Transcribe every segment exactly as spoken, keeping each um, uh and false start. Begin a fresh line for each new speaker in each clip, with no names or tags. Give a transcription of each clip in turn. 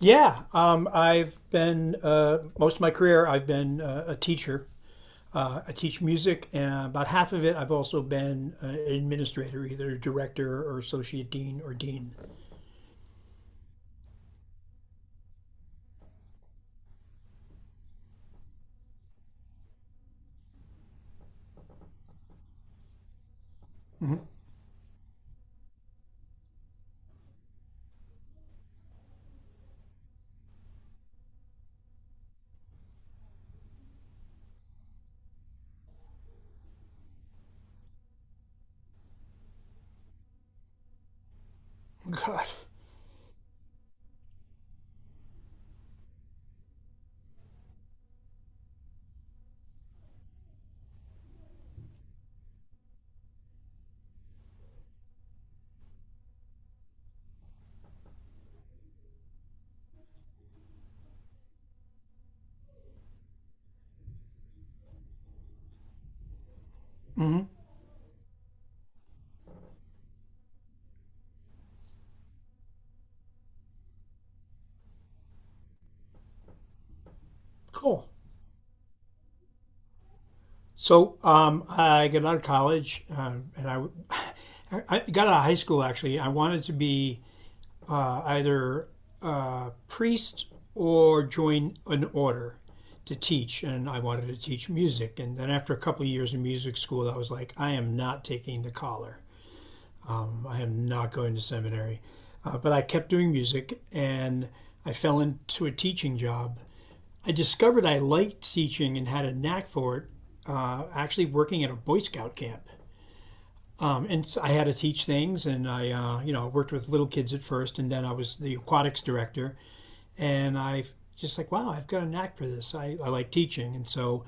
Yeah, um, I've been uh, most of my career, I've been uh, a teacher. Uh, I teach music, and about half of it, I've also been uh, an administrator, either director or associate dean or dean. Hmm God, hmm Cool. So um, I got out of college, um, and I, I got out of high school. Actually, I wanted to be uh, either a priest or join an order to teach. And I wanted to teach music. And then after a couple of years in music school, I was like, I am not taking the collar. I am not going to seminary. Uh, but I kept doing music and I fell into a teaching job. I discovered I liked teaching and had a knack for it, uh, actually working at a Boy Scout camp. Um, and so I had to teach things, and I, uh, you know, worked with little kids at first, and then I was the aquatics director and I just like, wow, I've got a knack for this. I, I like teaching. And so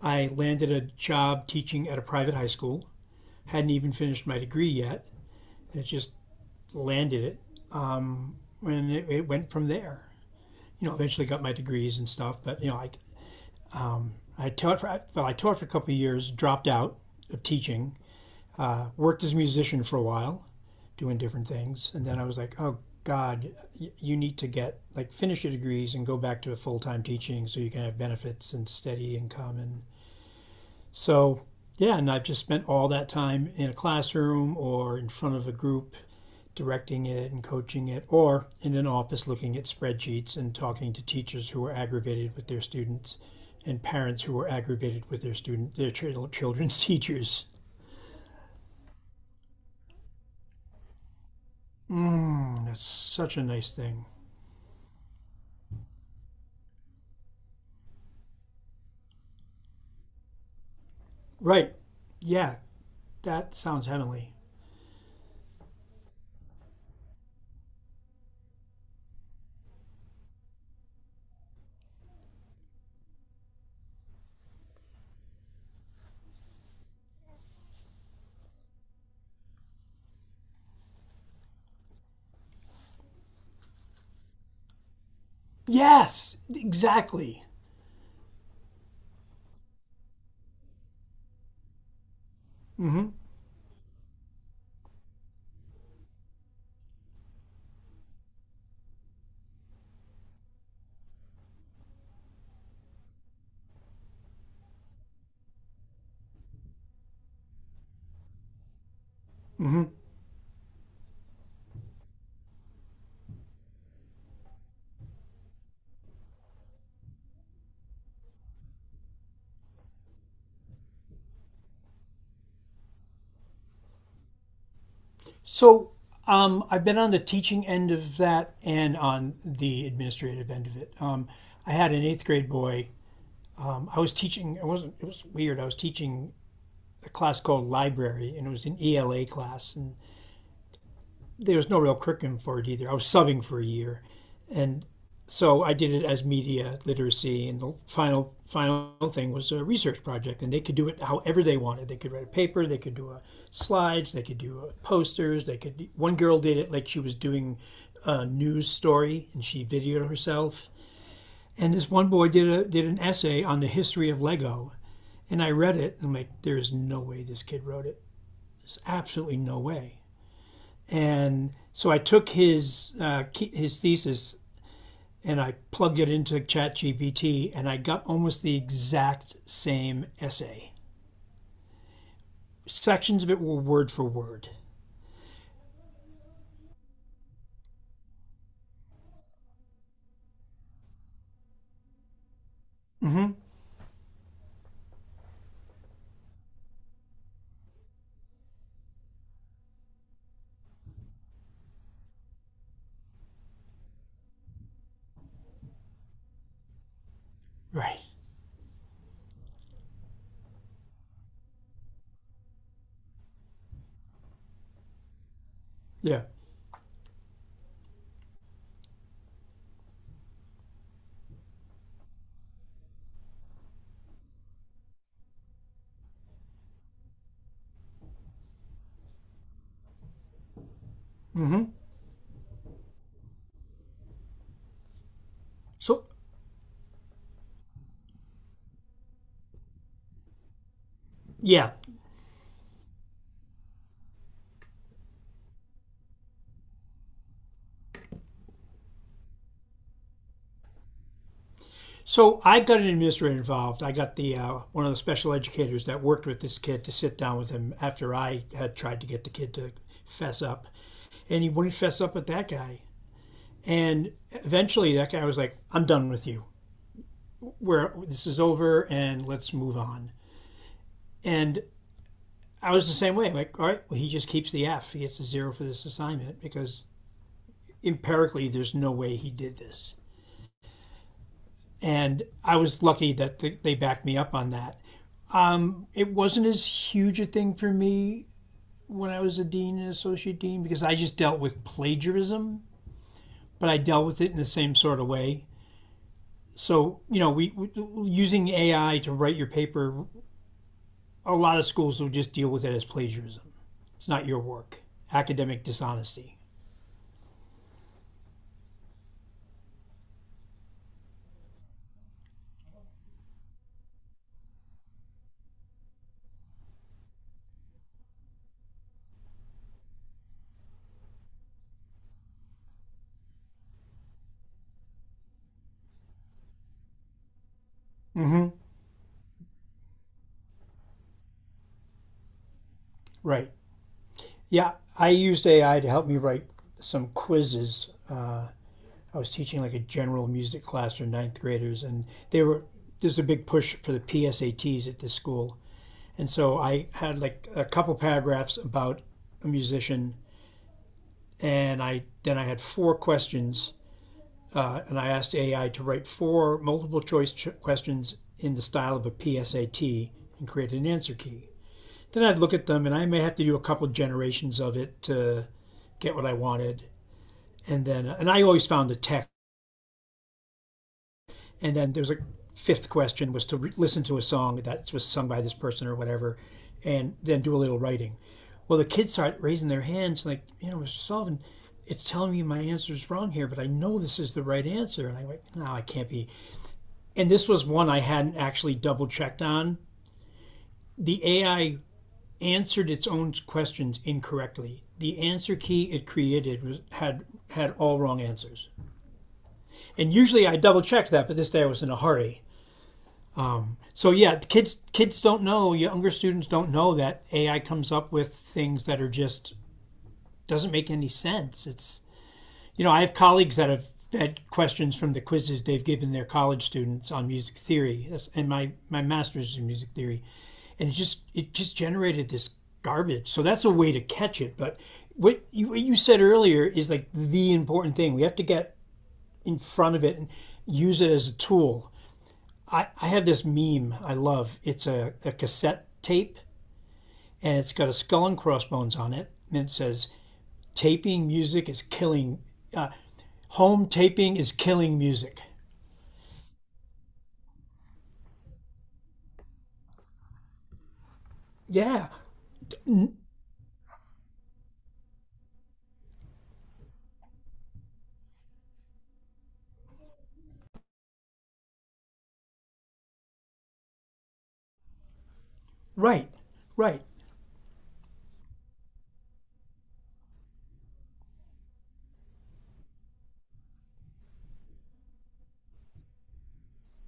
I landed a job teaching at a private high school. Hadn't even finished my degree yet. It just landed it. Um, and it, it went from there. You know, eventually got my degrees and stuff. But, you know, I, I taught for, well, I taught for a couple of years, dropped out of teaching, worked as a musician for a while, doing different things. And then I was like, oh God, you need to get like finish your degrees and go back to full time teaching so you can have benefits and steady income. And so, yeah, and I've just spent all that time in a classroom or in front of a group directing it and coaching it, or in an office looking at spreadsheets and talking to teachers who are aggravated with their students and parents who are aggravated with their student their children's teachers. Mm, that's such a nice thing. Right. Yeah, that sounds heavenly. Yes, exactly. hmm hmm So um, I've been on the teaching end of that and on the administrative end of it. Um, I had an eighth grade boy. Um, I was teaching. It wasn't. It was weird. I was teaching a class called library, and it was an E L A class, and there was no real curriculum for it either. I was subbing for a year, and so I did it as media literacy. And the final final thing was a research project, and they could do it however they wanted. They could write a paper, they could do a slides, they could do a posters, they could. One girl did it like she was doing a news story, and she videoed herself. And this one boy did a did an essay on the history of Lego, and I read it, and I'm like, there is no way this kid wrote it. There's absolutely no way. And so I took his uh, his thesis and I plugged it into ChatGPT, and I got almost the exact same essay. Sections of it were word for word. Right. Yeah. hmm So yeah. So I got an administrator involved. I got the uh, one of the special educators that worked with this kid to sit down with him after I had tried to get the kid to fess up, and he wouldn't fess up with that guy. And eventually, that guy was like, "I'm done with you. Where this is over and let's move on. And I was the same way. Like, all right, well, he just keeps the F. He gets a zero for this assignment because empirically, there's no way he did this. And I was lucky that they backed me up on that. It wasn't as huge a thing for me when I was a dean and associate dean because I just dealt with plagiarism, but I dealt with it in the same sort of way. So, you know, we, we using A I to write your paper, a lot of schools will just deal with it as plagiarism. It's not your work. Academic dishonesty. hmm Right. Yeah, I used A I to help me write some quizzes. I was teaching like a general music class for ninth graders, and they were there's a big push for the P SATs at this school, and so I had like a couple paragraphs about a musician, and I then I had four questions. Uh, and I asked A I to write four multiple choice ch- questions in the style of a P SAT and create an answer key. Then I'd look at them, and I may have to do a couple generations of it to get what I wanted. And then, uh, and I always found the text. And then there was a fifth question was to re- listen to a song that was sung by this person or whatever, and then do a little writing. Well, the kids start raising their hands, like, you know, mister Sullivan, it's telling me my answer is wrong here, but I know this is the right answer. And I went, no, I can't be, and this was one I hadn't actually double checked on. The A I answered its own questions incorrectly. The answer key it created was, had had all wrong answers. And usually I double checked that, but this day I was in a hurry. So yeah, kids kids don't know, younger students don't know that A I comes up with things that are just doesn't make any sense. It's, you know, I have colleagues that have fed questions from the quizzes they've given their college students on music theory, and my, my master's in music theory. And it just it just generated this garbage. So that's a way to catch it. But what you, what you said earlier is like the important thing. We have to get in front of it and use it as a tool. I, I have this meme I love. It's a, a cassette tape and it's got a skull and crossbones on it. And it says, taping music is killing, uh, home taping is killing music. Yeah, right, right.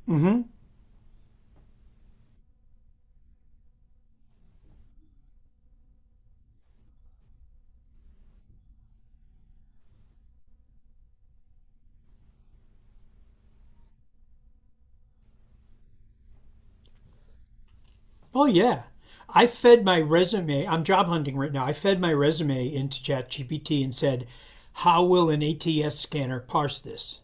hmm Oh yeah. I fed my resume. I'm job hunting right now. I fed my resume into ChatGPT and said, "How will an A T S scanner parse this?"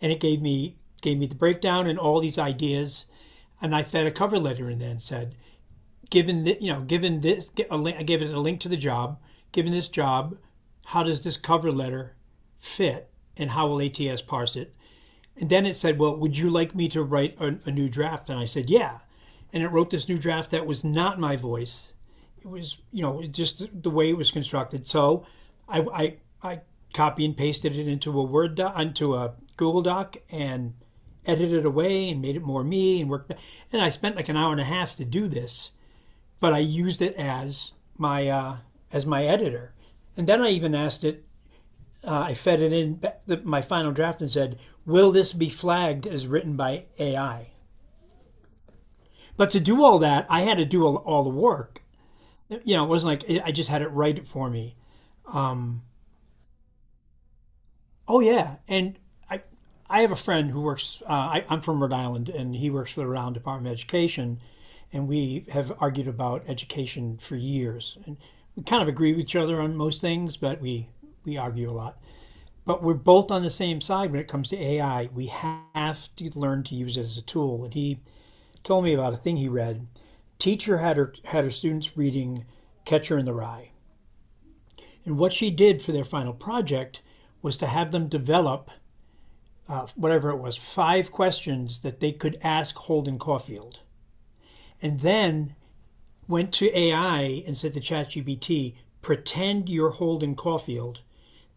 And it gave me gave me the breakdown and all these ideas. And I fed a cover letter in there and said, "Given that, you know, given this, I gave it a link to the job. Given this job, how does this cover letter fit, and how will A T S parse it?" And then it said, well, would you like me to write a, a new draft? And I said, yeah. And it wrote this new draft that was not my voice. It was, you know, it just the way it was constructed. So I, I, I copy and pasted it into a Word doc, into a Google Doc, and edited away and made it more me and worked. And I spent like an hour and a half to do this, but I used it as my uh, as my editor. And then I even asked it, I fed it in my final draft and said, "Will this be flagged as written by A I?" But to do all that, I had to do all, all the work. You know, it wasn't like I just had it write it for me. Oh yeah, and I I have a friend who works. Uh, I, I'm from Rhode Island, and he works for the Rhode Island Department of Education, and we have argued about education for years. And we kind of agree with each other on most things, but we we argue a lot. But we're both on the same side when it comes to A I. We have to learn to use it as a tool. And he told me about a thing he read. Teacher had her had her students reading Catcher in the Rye, and what she did for their final project was to have them develop, uh, whatever it was, five questions that they could ask Holden Caulfield, and then went to A I and said to ChatGPT, "Pretend you're Holden Caulfield.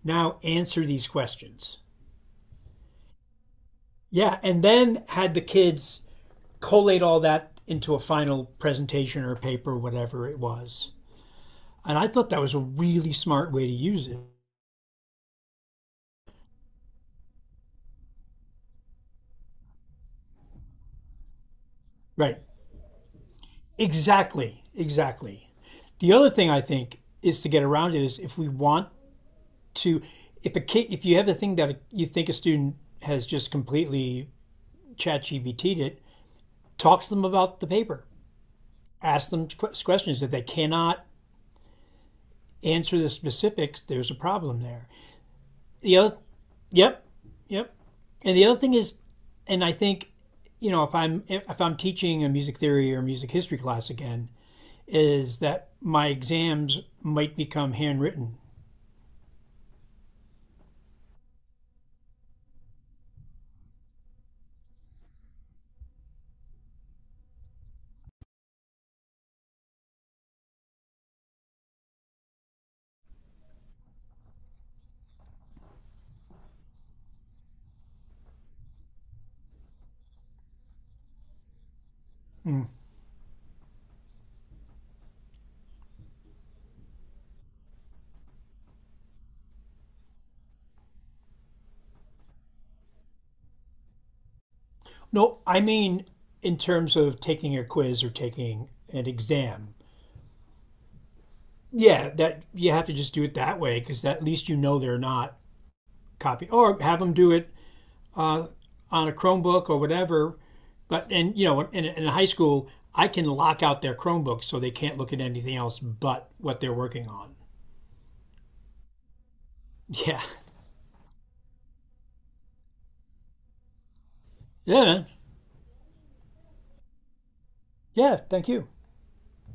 Now answer these questions." Yeah, and then had the kids collate all that into a final presentation or paper, whatever it was. And I thought that was a really smart way to use it. Right. Exactly. Exactly. The other thing I think is to get around it is if we want to, if a kid, if you have a thing that you think a student has just completely chat G B T'd it, talk to them about the paper. Ask them questions. If they cannot answer the specifics, there's a problem there. the other, yep, yep. And the other thing is, and I think, you know, if I'm if I'm teaching a music theory or music history class again, is that my exams might become handwritten. No, I mean in terms of taking a quiz or taking an exam. Yeah, that you have to just do it that way because at least you know they're not copy or have them do it on a Chromebook or whatever, but and you know in, in a high school I can lock out their Chromebooks so they can't look at anything else but what they're working on. Yeah, yeah, man. Yeah. Thank you.